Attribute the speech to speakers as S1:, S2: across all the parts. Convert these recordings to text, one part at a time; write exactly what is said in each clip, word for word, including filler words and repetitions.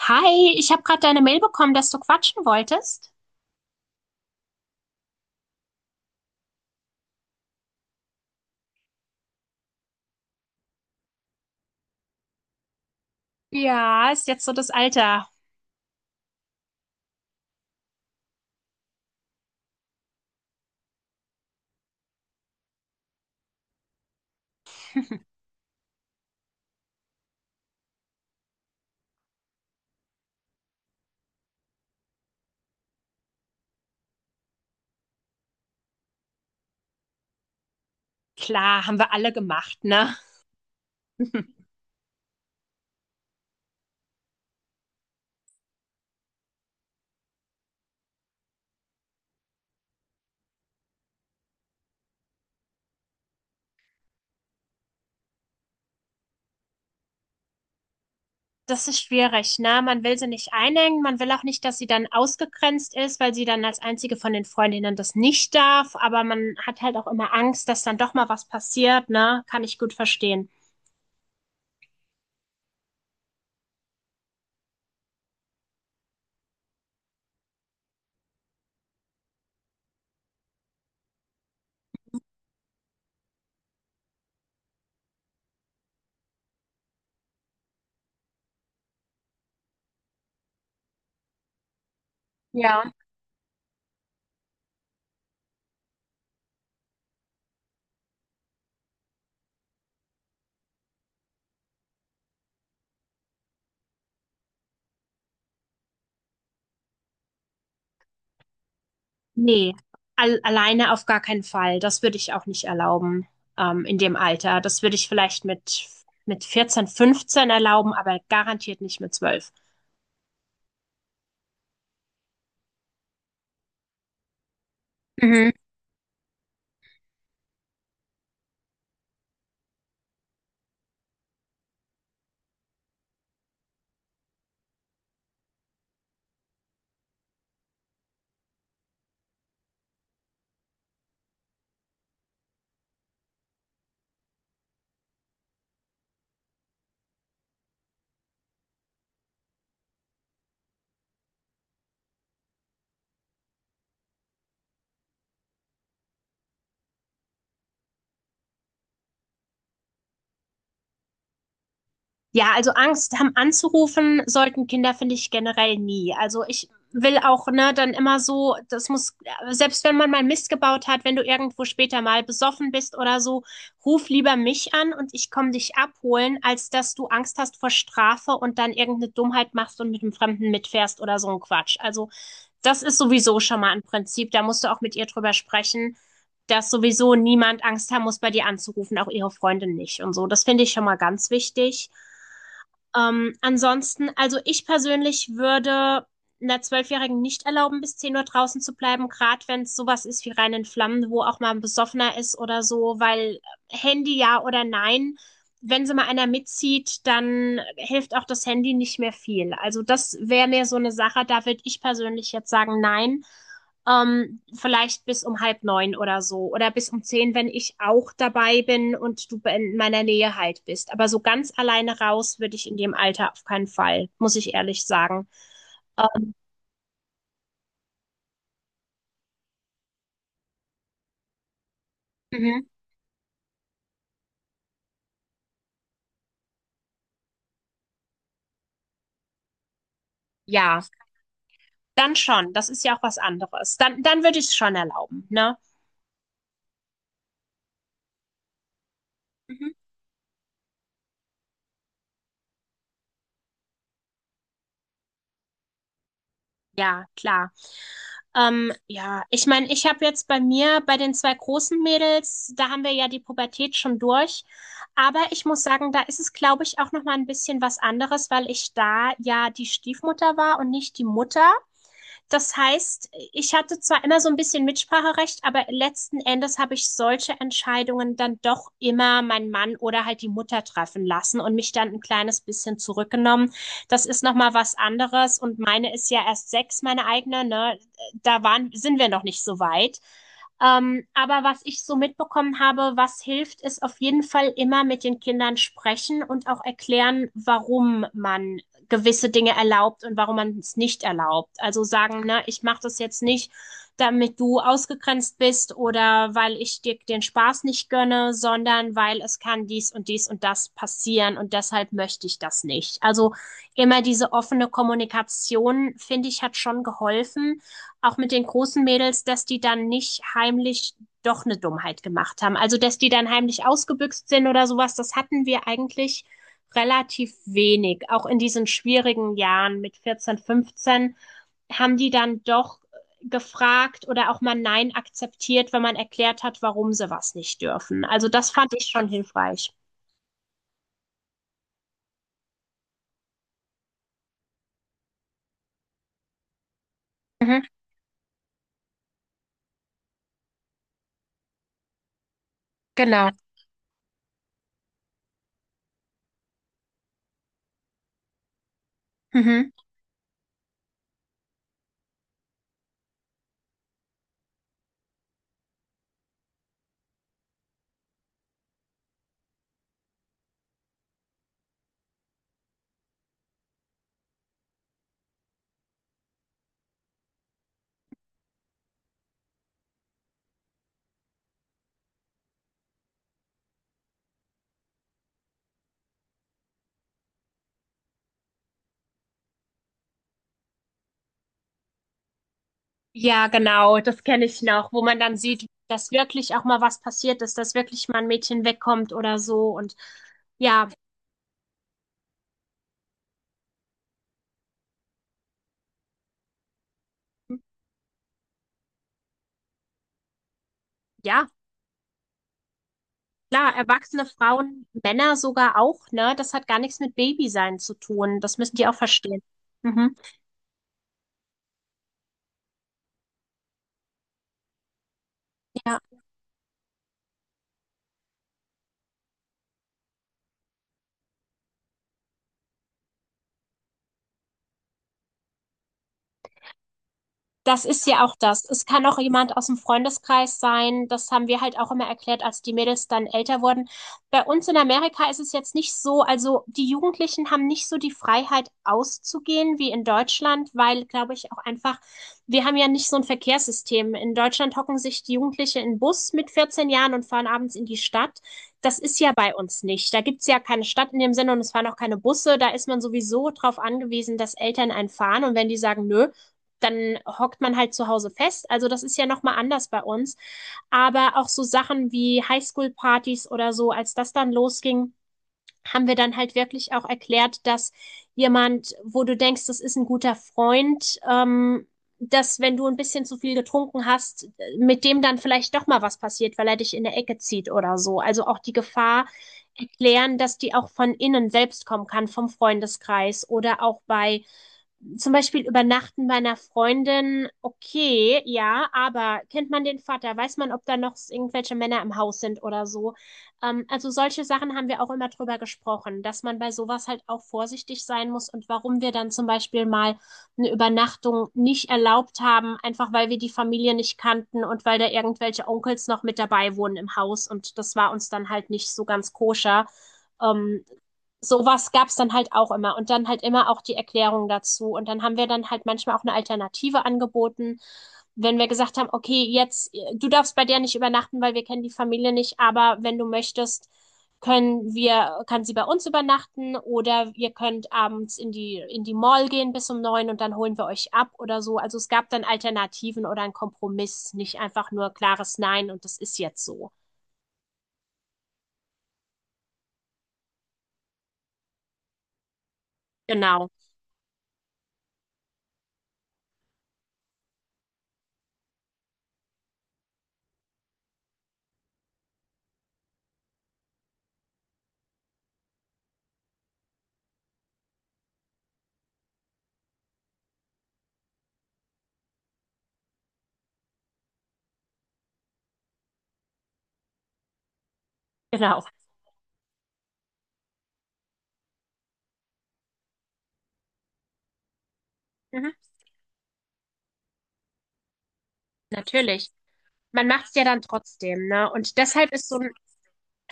S1: Hi, ich habe gerade deine Mail bekommen, dass du quatschen wolltest. Ja, ist jetzt so das Alter. Klar, haben wir alle gemacht, ne? Das ist schwierig, ne? Man will sie nicht einengen, man will auch nicht, dass sie dann ausgegrenzt ist, weil sie dann als einzige von den Freundinnen das nicht darf, aber man hat halt auch immer Angst, dass dann doch mal was passiert, ne? Kann ich gut verstehen. Ja. Nee, al alleine auf gar keinen Fall. Das würde ich auch nicht erlauben, ähm, in dem Alter. Das würde ich vielleicht mit, mit vierzehn, fünfzehn erlauben, aber garantiert nicht mit zwölf. Mhm. Ja, also Angst haben anzurufen sollten Kinder, finde ich, generell nie. Also ich will auch, ne, dann immer so, das muss, selbst wenn man mal Mist gebaut hat, wenn du irgendwo später mal besoffen bist oder so, ruf lieber mich an und ich komme dich abholen, als dass du Angst hast vor Strafe und dann irgendeine Dummheit machst und mit einem Fremden mitfährst oder so ein Quatsch. Also das ist sowieso schon mal ein Prinzip, da musst du auch mit ihr drüber sprechen, dass sowieso niemand Angst haben muss, bei dir anzurufen, auch ihre Freundin nicht und so. Das finde ich schon mal ganz wichtig. Ähm, ansonsten, also ich persönlich würde einer Zwölfjährigen nicht erlauben, bis zehn Uhr draußen zu bleiben, gerade wenn es sowas ist wie Rhein in Flammen, wo auch mal ein Besoffener ist oder so, weil äh, Handy ja oder nein, wenn sie mal einer mitzieht, dann hilft auch das Handy nicht mehr viel. Also das wäre mir so eine Sache, da würde ich persönlich jetzt sagen, nein. Ähm, vielleicht bis um halb neun oder so oder bis um zehn, wenn ich auch dabei bin und du in meiner Nähe halt bist. Aber so ganz alleine raus würde ich in dem Alter auf keinen Fall, muss ich ehrlich sagen. Ähm, mhm. Ja, dann schon. Das ist ja auch was anderes. Dann, dann würde ich es schon erlauben, ne? Mhm. Ja, klar. Ähm, ja, ich meine, ich habe jetzt bei mir, bei den zwei großen Mädels, da haben wir ja die Pubertät schon durch. Aber ich muss sagen, da ist es, glaube ich, auch noch mal ein bisschen was anderes, weil ich da ja die Stiefmutter war und nicht die Mutter. Das heißt, ich hatte zwar immer so ein bisschen Mitspracherecht, aber letzten Endes habe ich solche Entscheidungen dann doch immer meinen Mann oder halt die Mutter treffen lassen und mich dann ein kleines bisschen zurückgenommen. Das ist noch mal was anderes und meine ist ja erst sechs, meine eigene, ne? Da waren, sind wir noch nicht so weit. Ähm, aber was ich so mitbekommen habe, was hilft, ist auf jeden Fall immer mit den Kindern sprechen und auch erklären, warum man gewisse Dinge erlaubt und warum man es nicht erlaubt. Also sagen, ne, ich mache das jetzt nicht, damit du ausgegrenzt bist oder weil ich dir den Spaß nicht gönne, sondern weil es kann dies und dies und das passieren und deshalb möchte ich das nicht. Also immer diese offene Kommunikation, finde ich, hat schon geholfen, auch mit den großen Mädels, dass die dann nicht heimlich doch eine Dummheit gemacht haben. Also dass die dann heimlich ausgebüxt sind oder sowas, das hatten wir eigentlich relativ wenig. Auch in diesen schwierigen Jahren mit vierzehn, fünfzehn haben die dann doch gefragt oder auch mal Nein akzeptiert, wenn man erklärt hat, warum sie was nicht dürfen. Also das fand ich schon hilfreich. Mhm, genau. Mhm. Ja, genau, das kenne ich noch, wo man dann sieht, dass wirklich auch mal was passiert ist, dass wirklich mal ein Mädchen wegkommt oder so. Und ja, ja, klar, erwachsene Frauen, Männer sogar auch, ne? Das hat gar nichts mit Babysein zu tun. Das müssen die auch verstehen. Mhm. Ja. Das ist ja auch das. Es kann auch jemand aus dem Freundeskreis sein. Das haben wir halt auch immer erklärt, als die Mädels dann älter wurden. Bei uns in Amerika ist es jetzt nicht so, also die Jugendlichen haben nicht so die Freiheit auszugehen wie in Deutschland, weil, glaube ich, auch einfach, wir haben ja nicht so ein Verkehrssystem. In Deutschland hocken sich die Jugendliche in den Bus mit vierzehn Jahren und fahren abends in die Stadt. Das ist ja bei uns nicht. Da gibt's ja keine Stadt in dem Sinne und es fahren auch keine Busse. Da ist man sowieso drauf angewiesen, dass Eltern einen fahren. Und wenn die sagen, nö, dann hockt man halt zu Hause fest. Also das ist ja nochmal anders bei uns. Aber auch so Sachen wie Highschool-Partys oder so, als das dann losging, haben wir dann halt wirklich auch erklärt, dass jemand, wo du denkst, das ist ein guter Freund, ähm, dass, wenn du ein bisschen zu viel getrunken hast, mit dem dann vielleicht doch mal was passiert, weil er dich in der Ecke zieht oder so. Also auch die Gefahr erklären, dass die auch von innen selbst kommen kann, vom Freundeskreis oder auch bei zum Beispiel übernachten bei einer Freundin, okay, ja, aber kennt man den Vater? Weiß man, ob da noch irgendwelche Männer im Haus sind oder so? Ähm, also solche Sachen haben wir auch immer drüber gesprochen, dass man bei sowas halt auch vorsichtig sein muss und warum wir dann zum Beispiel mal eine Übernachtung nicht erlaubt haben, einfach weil wir die Familie nicht kannten und weil da irgendwelche Onkels noch mit dabei wohnen im Haus und das war uns dann halt nicht so ganz koscher. Ähm, Sowas gab's dann halt auch immer und dann halt immer auch die Erklärung dazu. Und dann haben wir dann halt manchmal auch eine Alternative angeboten, wenn wir gesagt haben, okay, jetzt, äh, du darfst bei der nicht übernachten, weil wir kennen die Familie nicht, aber wenn du möchtest, können wir, kann sie bei uns übernachten oder ihr könnt abends in die, in die Mall gehen bis um neun und dann holen wir euch ab oder so. Also es gab dann Alternativen oder einen Kompromiss, nicht einfach nur klares Nein und das ist jetzt so. Genau, genau. Mhm, natürlich. Man macht's ja dann trotzdem, ne? Und deshalb ist so ein,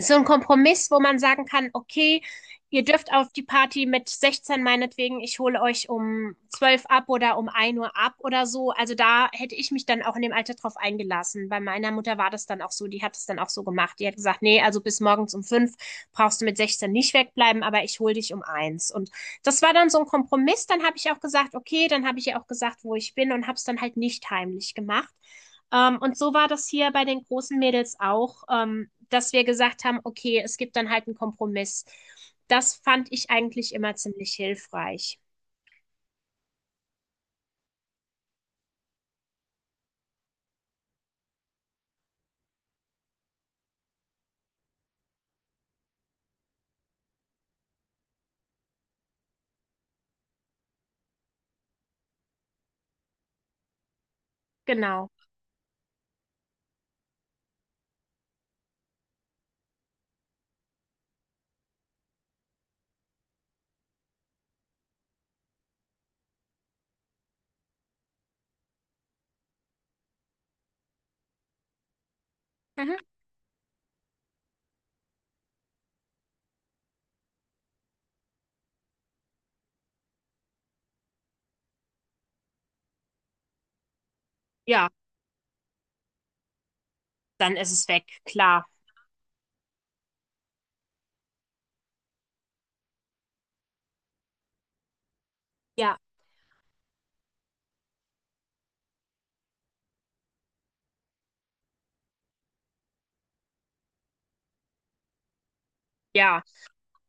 S1: so ein Kompromiss, wo man sagen kann, okay, ihr dürft auf die Party mit sechzehn meinetwegen, ich hole euch um zwölf ab oder um ein Uhr ab oder so. Also da hätte ich mich dann auch in dem Alter drauf eingelassen. Bei meiner Mutter war das dann auch so, die hat es dann auch so gemacht. Die hat gesagt, nee, also bis morgens um fünf brauchst du mit sechzehn nicht wegbleiben, aber ich hole dich um eins. Und das war dann so ein Kompromiss. Dann habe ich auch gesagt, okay, dann habe ich ihr auch gesagt, wo ich bin und habe es dann halt nicht heimlich gemacht. Ähm, und so war das hier bei den großen Mädels auch, ähm, dass wir gesagt haben, okay, es gibt dann halt einen Kompromiss. Das fand ich eigentlich immer ziemlich hilfreich. Genau. Mhm. Ja, dann ist es weg, klar. Ja, ja.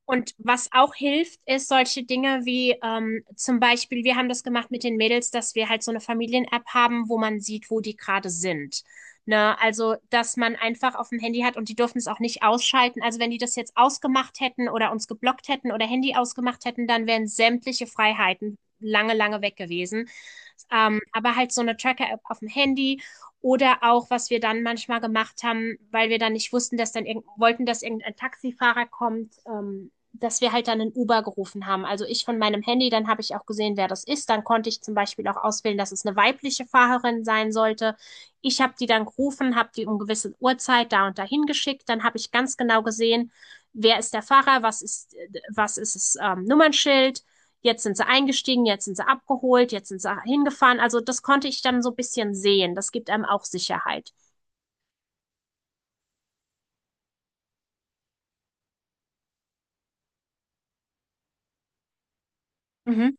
S1: Und was auch hilft, ist solche Dinge wie ähm, zum Beispiel, wir haben das gemacht mit den Mädels, dass wir halt so eine Familien-App haben, wo man sieht, wo die gerade sind. Ne? Also, dass man einfach auf dem Handy hat und die dürfen es auch nicht ausschalten. Also, wenn die das jetzt ausgemacht hätten oder uns geblockt hätten oder Handy ausgemacht hätten, dann wären sämtliche Freiheiten lange, lange weg gewesen. Ähm, aber halt so eine Tracker-App auf dem Handy oder auch, was wir dann manchmal gemacht haben, weil wir dann nicht wussten, dass dann irgend wollten, dass irgendein Taxifahrer kommt, ähm, dass wir halt dann einen Uber gerufen haben. Also ich von meinem Handy, dann habe ich auch gesehen, wer das ist. Dann konnte ich zum Beispiel auch auswählen, dass es eine weibliche Fahrerin sein sollte. Ich habe die dann gerufen, habe die um gewisse Uhrzeit da und dahin geschickt. Dann habe ich ganz genau gesehen, wer ist der Fahrer, was ist, was ist das ähm, Nummernschild. Jetzt sind sie eingestiegen, jetzt sind sie abgeholt, jetzt sind sie hingefahren. Also das konnte ich dann so ein bisschen sehen. Das gibt einem auch Sicherheit. Mhm.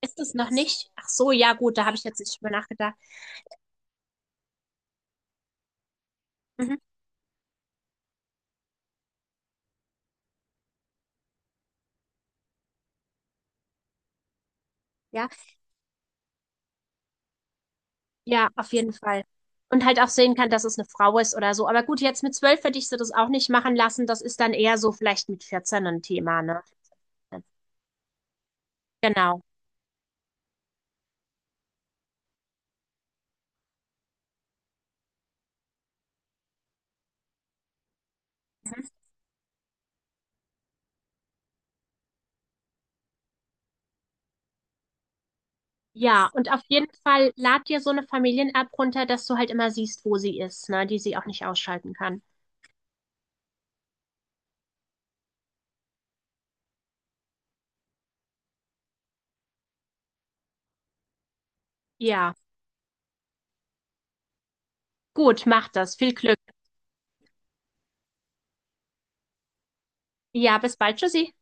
S1: Ist es noch nicht? Ach so, ja gut, da habe ich jetzt nicht drüber nachgedacht. Mhm. Ja, ja, auf jeden Fall. Und halt auch sehen kann, dass es eine Frau ist oder so. Aber gut, jetzt mit zwölf hätte ich sie das auch nicht machen lassen. Das ist dann eher so vielleicht mit vierzehn ein Thema, ne? Genau. Ja, und auf jeden Fall lad dir so eine Familien-App runter, dass du halt immer siehst, wo sie ist, ne? Die sie auch nicht ausschalten kann. Ja, gut, mach das. Viel Glück. Ja, bis bald, Tschüssi.